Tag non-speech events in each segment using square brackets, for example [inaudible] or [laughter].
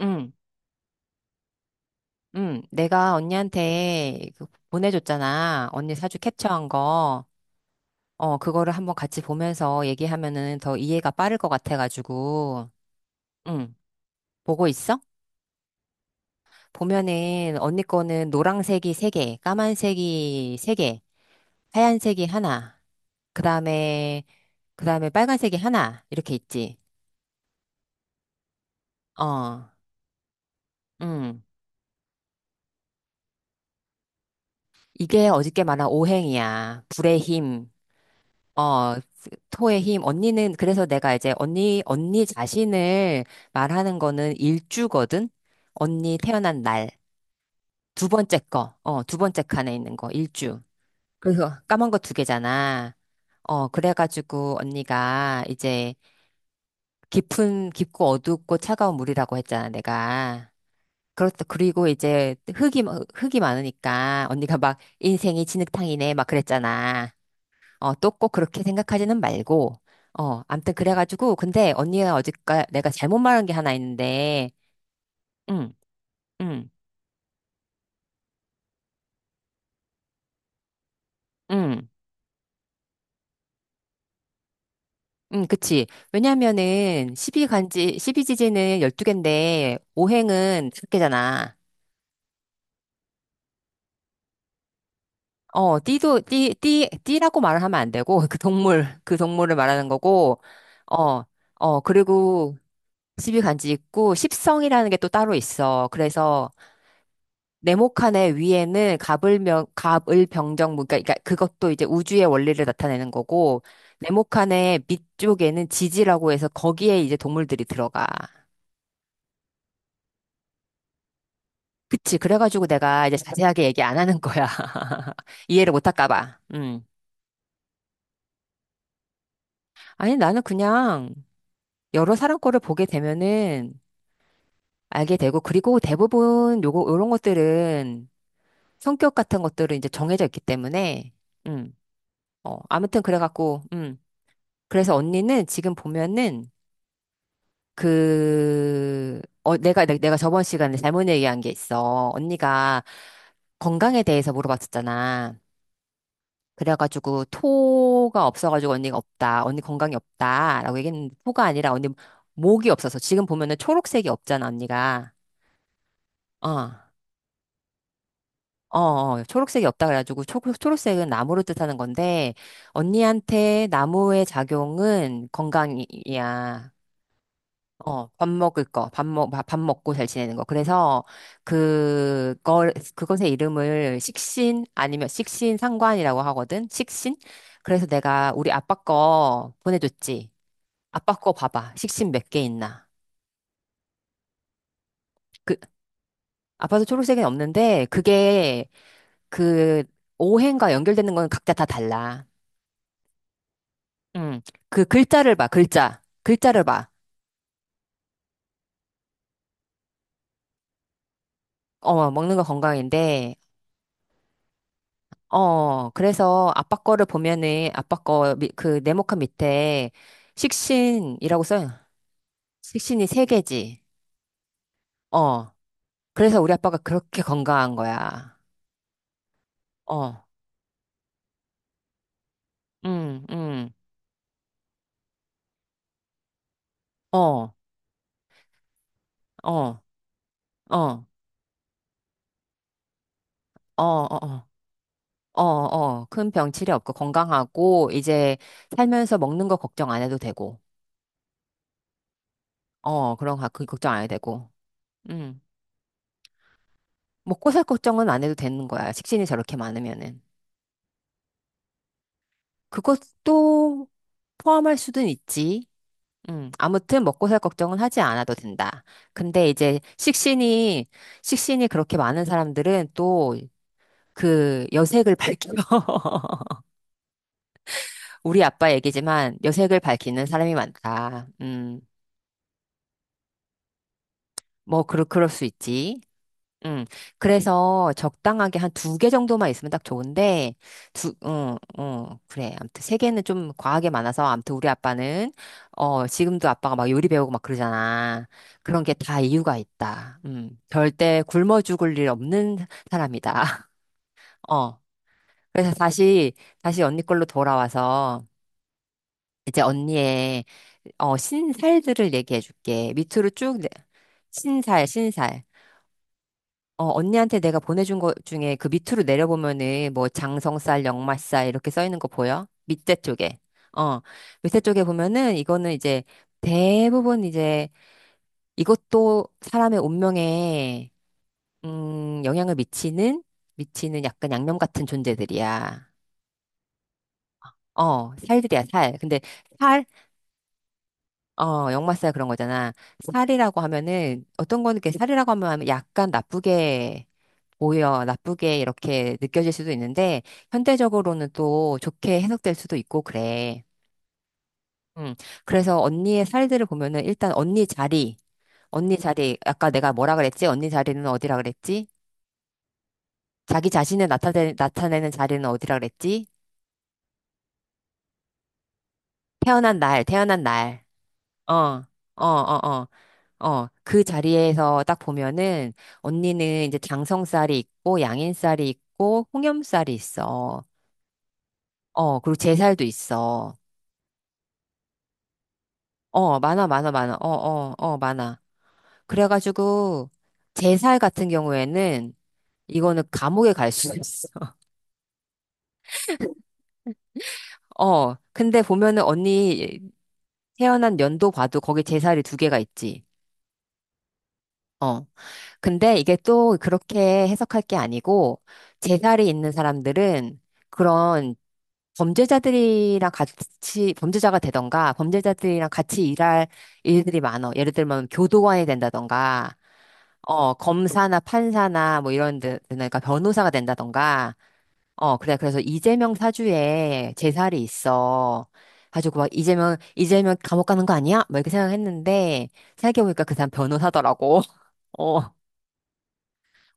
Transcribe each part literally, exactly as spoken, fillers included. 응, 응. 내가 언니한테 그 보내줬잖아. 언니 사주 캡처한 거. 어, 그거를 한번 같이 보면서 얘기하면은 더 이해가 빠를 것 같아가지고. 응, 보고 있어? 보면은 언니 거는 노란색이 세개, 까만색이 세개, 하얀색이 하나, 그 다음에, 그 다음에 빨간색이 하나, 이렇게 있지. 어, 응. 이게 어저께 말한 오행이야. 불의 힘. 어, 토의 힘. 언니는, 그래서 내가 이제 언니, 언니 자신을 말하는 거는 일주거든? 언니 태어난 날. 두 번째 거. 어, 두 번째 칸에 있는 거. 일주. 그래서 까만 거 두 개잖아. 어, 그래가지고 언니가 이제 깊은, 깊고 어둡고 차가운 물이라고 했잖아, 내가. 그렇다. 그리고 이제 흙이, 마- 흙이 많으니까 언니가 막 인생이 진흙탕이네, 막 그랬잖아. 어, 또 꼭 그렇게 생각하지는 말고, 어, 암튼 그래가지고, 근데 언니가 어제까 내가 잘못 말한 게 하나 있는데, 응, 응, 응, 응, 그치. 왜냐면은, 십이간지 십이지지는 열두 개인데, 오행은 다섯 개잖아. 어, 띠도, 띠, 띠, 띠라고 말을 하면 안 되고, [laughs] 그 동물, 그 동물을 말하는 거고, 어, 어, 그리고 십이간지 있고, 십성이라는 게 또 따로 있어. 그래서, 네모칸의 위에는 가불명, 가을병정무, 그러니까 그것도 이제 우주의 원리를 나타내는 거고, 네모칸의 밑쪽에는 지지라고 해서 거기에 이제 동물들이 들어가. 그치. 그래가지고 내가 이제 자세하게 얘기 안 하는 거야. [laughs] 이해를 못 할까 봐. 음. 아니, 나는 그냥 여러 사람 거를 보게 되면은 알게 되고, 그리고 대부분 요거, 요런 것들은 성격 같은 것들은 이제 정해져 있기 때문에, 음. 어, 아무튼 그래갖고, 음. 그래서 언니는 지금 보면은 그, 어, 내가, 내- 내가 저번 시간에 잘못 얘기한 게 있어. 언니가 건강에 대해서 물어봤었잖아. 그래가지고 토가 없어가지고 언니가 없다. 언니 건강이 없다라고 얘기했는데 토가 아니라 언니 목이 없어서 지금 보면은 초록색이 없잖아, 언니가. 어. 어, 어, 초록색이 없다 그래가지고 초, 초록색은 나무를 뜻하는 건데 언니한테 나무의 작용은 건강이야. 어, 밥 먹을 거, 밥 먹, 밥 먹고 잘 지내는 거. 그래서, 그, 거, 그것의 이름을 식신 아니면 식신 상관이라고 하거든? 식신? 그래서 내가 우리 아빠 거 보내줬지. 아빠 거 봐봐. 식신 몇 개 있나. 그, 아빠도 초록색은 없는데, 그게 그, 오행과 연결되는 건 각자 다 달라. 음, 그 글자를 봐, 글자. 글자를 봐. 어, 먹는 거 건강인데, 어, 그래서 아빠 거를 보면은 아빠 거 그 네모칸 밑에 식신이라고 써요. 식신이 세 개지. 어. 그래서 우리 아빠가 그렇게 건강한 거야. 어. 응, 응. 어. 어. 어. 어. 어. 어. 어. 어. 큰 병치레 없고 건강하고 이제 살면서 먹는 거 걱정 안 해도 되고. 어. 그런 거 그 걱정 안 해도 되고. 음. 먹고 살 걱정은 안 해도 되는 거야. 식신이 저렇게 많으면은. 그것도 포함할 수는 있지. 음, 아무튼 먹고 살 걱정은 하지 않아도 된다. 근데 이제 식신이, 식신이, 그렇게 많은 사람들은 또 그 여색을 밝혀. [laughs] 우리 아빠 얘기지만 여색을 밝히는 사람이 많다. 음, 뭐, 그럴, 그럴 수 있지. 음. 그래서 적당하게 한 두 개 정도만 있으면 딱 좋은데, 두, 어, 어, 그래. 아무튼 세 개는 좀 과하게 많아서, 아무튼 우리 아빠는, 어, 지금도 아빠가 막 요리 배우고 막 그러잖아. 그런 게 다 이유가 있다. 음. 절대 굶어 죽을 일 없는 사람이다. [laughs] 어. 그래서 다시, 다시 언니 걸로 돌아와서, 이제 언니의, 어, 신살들을 얘기해 줄게. 밑으로 쭉, 내- 신살, 신살. 어, 언니한테 내가 보내준 것 중에 그 밑으로 내려보면은 뭐 장성쌀, 역말쌀 이렇게 써 있는 거 보여? 밑에 쪽에. 어, 밑에 쪽에 보면은 이거는 이제 대부분 이제 이것도 사람의 운명에, 음, 영향을 미치는, 미치는 약간 양념 같은 존재들이야. 어, 살들이야, 살. 근데 살, 어, 역마살 그런 거잖아. 살이라고 하면은 어떤 거는 이렇게 살이라고 하면 약간 나쁘게 오히려 나쁘게 이렇게 느껴질 수도 있는데, 현대적으로는 또 좋게 해석될 수도 있고, 그래. 음. 그래서 언니의 살들을 보면은 일단 언니 자리, 언니 자리, 아까 내가 뭐라 그랬지? 언니 자리는 어디라 그랬지? 자기 자신을 나타내, 나타내는 자리는 어디라 그랬지? 태어난 날, 태어난 날. 어, 어, 어, 어, 어. 그 자리에서 딱 보면은 언니는 이제 장성살이 있고, 양인살이 있고, 홍염살이 있어. 어, 그리고 제살도 있어. 어, 많아, 많아, 많아. 어, 어, 어, 많아. 그래가지고, 제살 같은 경우에는, 이거는 감옥에 갈 수 있어. [laughs] 어, 근데 보면은 언니 태어난 연도 봐도 거기 제살이 두 개가 있지. 어, 근데 이게 또 그렇게 해석할 게 아니고 재살이 있는 사람들은 그런 범죄자들이랑 같이 범죄자가 되던가 범죄자들이랑 같이 일할 일들이 많어. 예를 들면 교도관이 된다던가 어 검사나 판사나 뭐 이런 데 그러니까 변호사가 된다던가 어 그래 그래서 이재명 사주에 재살이 있어. 가지고 막 이재명 이재명 감옥 가는 거 아니야? 막 이렇게 생각했는데 생각해보니까 그 사람 변호사더라고. [laughs] 어.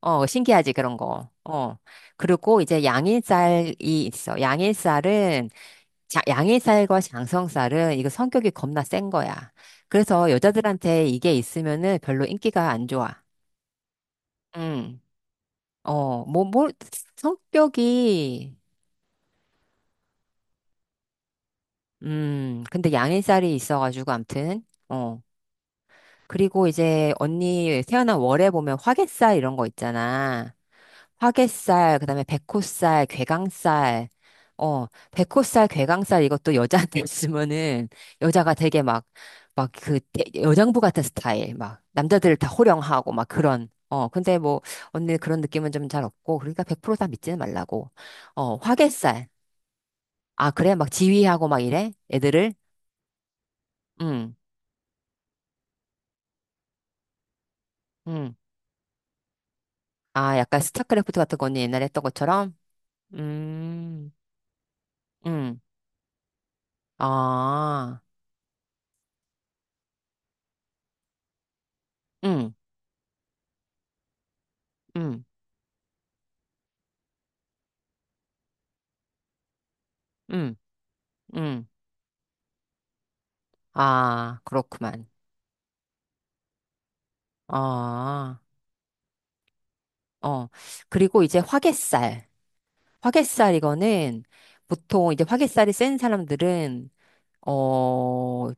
어, 신기하지, 그런 거. 어. 그리고 이제 양일살이 있어. 양일살은, 자, 양일살과 장성살은 이거 성격이 겁나 센 거야. 그래서 여자들한테 이게 있으면은 별로 인기가 안 좋아. 음 어, 뭐, 뭐, 성격이, 음, 근데 양일살이 있어가지고, 암튼, 어. 그리고 이제 언니 태어난 월에 보면 화개살 이런 거 있잖아. 화개살, 그다음에 백호살, 괴강살. 어, 백호살, 괴강살 이것도 여자한테 [laughs] 있으면은 여자가 되게 막 막 그 여장부 같은 스타일 막 남자들을 다 호령하고 막 그런 어 근데 뭐 언니 그런 느낌은 좀 잘 없고 그러니까 백 프로다 믿지는 말라고 어 화개살 아 그래 막 지휘하고 막 이래 애들을 음 음 아 약간 스타크래프트 같은 거 언니 옛날에 했던 것처럼 음음아음음음음 아, 그렇구만. 아, 어. 그리고 이제 화개살. 화개살 이거는 보통 이제 화개살이 센 사람들은, 어,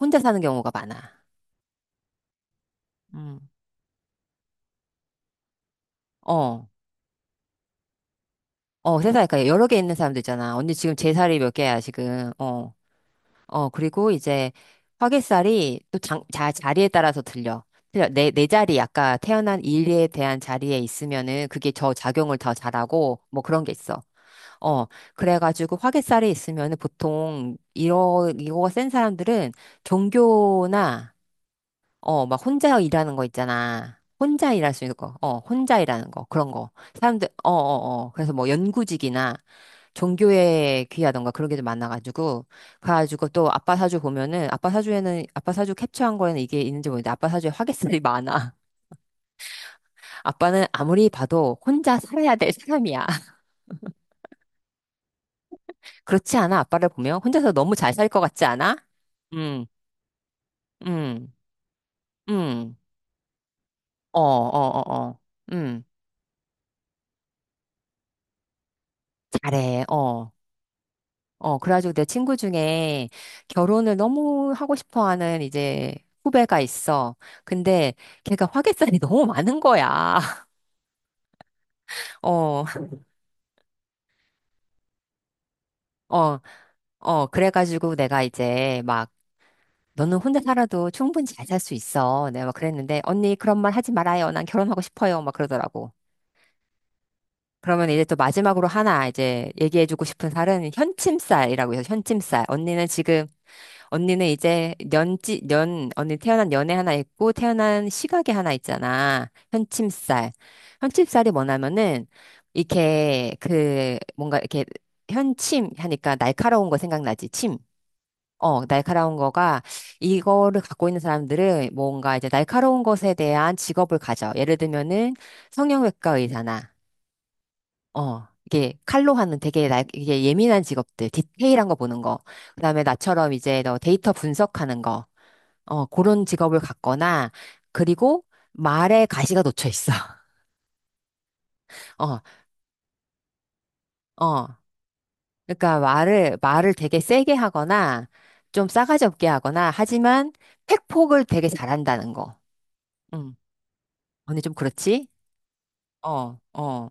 혼자 사는 경우가 많아. 음. 어, 어, 세상에 그러니까 여러 개 있는 사람도 있잖아. 언니 지금 제 살이 몇 개야, 지금. 어, 어, 그리고 이제 화개살이 또 장, 자, 자리에 따라서 들려. 틀려. 내, 내 자리, 아까 태어난 일에 대한 자리에 있으면은 그게 저 작용을 더 잘하고 뭐 그런 게 있어. 어, 그래가지고 화개살이 있으면 은 보통 이러 이거가 센 사람들은 종교나 어, 막 혼자 일하는 거 있잖아. 혼자 일할 수 있는 거, 어, 혼자 일하는 거, 그런 거. 사람들, 어, 어, 어. 그래서 뭐 연구직이나 종교에 귀하던가 그런 게 좀 많아가지고. 그래가지고 또 아빠 사주 보면은, 아빠 사주에는, 아빠 사주 캡처한 거에는 이게 있는지 모르는데, 아빠 사주에 화개살이 많아. [laughs] 아빠는 아무리 봐도 혼자 살아야 될 사람이야. 그렇지 않아? 아빠를 보면 혼자서 너무 잘 살 것 같지 않아? 음, 음, 음, 어, 어, 어, 어, 음, 잘해, 어, 어. 그래가지고 내 친구 중에 결혼을 너무 하고 싶어 하는 이제 후배가 있어. 근데 걔가 화개살이 [laughs] 너무 많은 거야. [laughs] 어, 어, 어. 그래가지고 내가 이제 막 너는 혼자 살아도 충분히 잘 살 수 있어. 내가 막 그랬는데 언니 그런 말 하지 말아요. 난 결혼하고 싶어요. 막 그러더라고. 그러면 이제 또 마지막으로 하나 이제 얘기해주고 싶은 살은 현침살이라고 해서 현침살. 언니는 지금, 언니는 이제 년지, 년, 언니 태어난 연애 하나 있고 태어난 시각이 하나 있잖아. 현침살. 현침살이 뭐냐면은 이렇게 그 뭔가 이렇게 현침 하니까 날카로운 거 생각나지? 침. 어, 날카로운 거가 이거를 갖고 있는 사람들은 뭔가 이제 날카로운 것에 대한 직업을 가져. 예를 들면은 성형외과 의사나 어, 이게 칼로 하는 되게 나, 이게 예민한 직업들, 디테일한 거 보는 거, 그다음에 나처럼 이제 너 데이터 분석하는 거, 어, 그런 직업을 갖거나, 그리고 말에 가시가 놓쳐 있어. [laughs] 어, 어. 그러니까 말을, 말을 되게 세게 하거나, 좀 싸가지 없게 하거나, 하지만 팩폭을 되게 잘한다는 거. 응. 언니 좀 그렇지? 어, 어.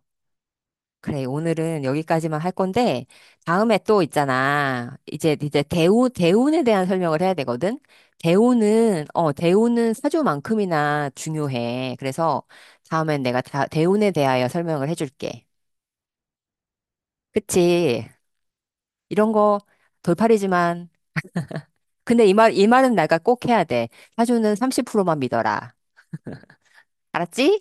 그래, 오늘은 여기까지만 할 건데, 다음에 또 있잖아. 이제, 이제 대우, 대운에 대한 설명을 해야 되거든? 대우는, 어, 대우는 사주만큼이나 중요해. 그래서 다음엔 내가 다, 대운에 대하여 설명을 해줄게. 그치? 이런 거 돌팔이지만, 근데 이 말, 이 말은 내가 꼭 해야 돼. 사주는 삼십 프로만 믿어라. 알았지?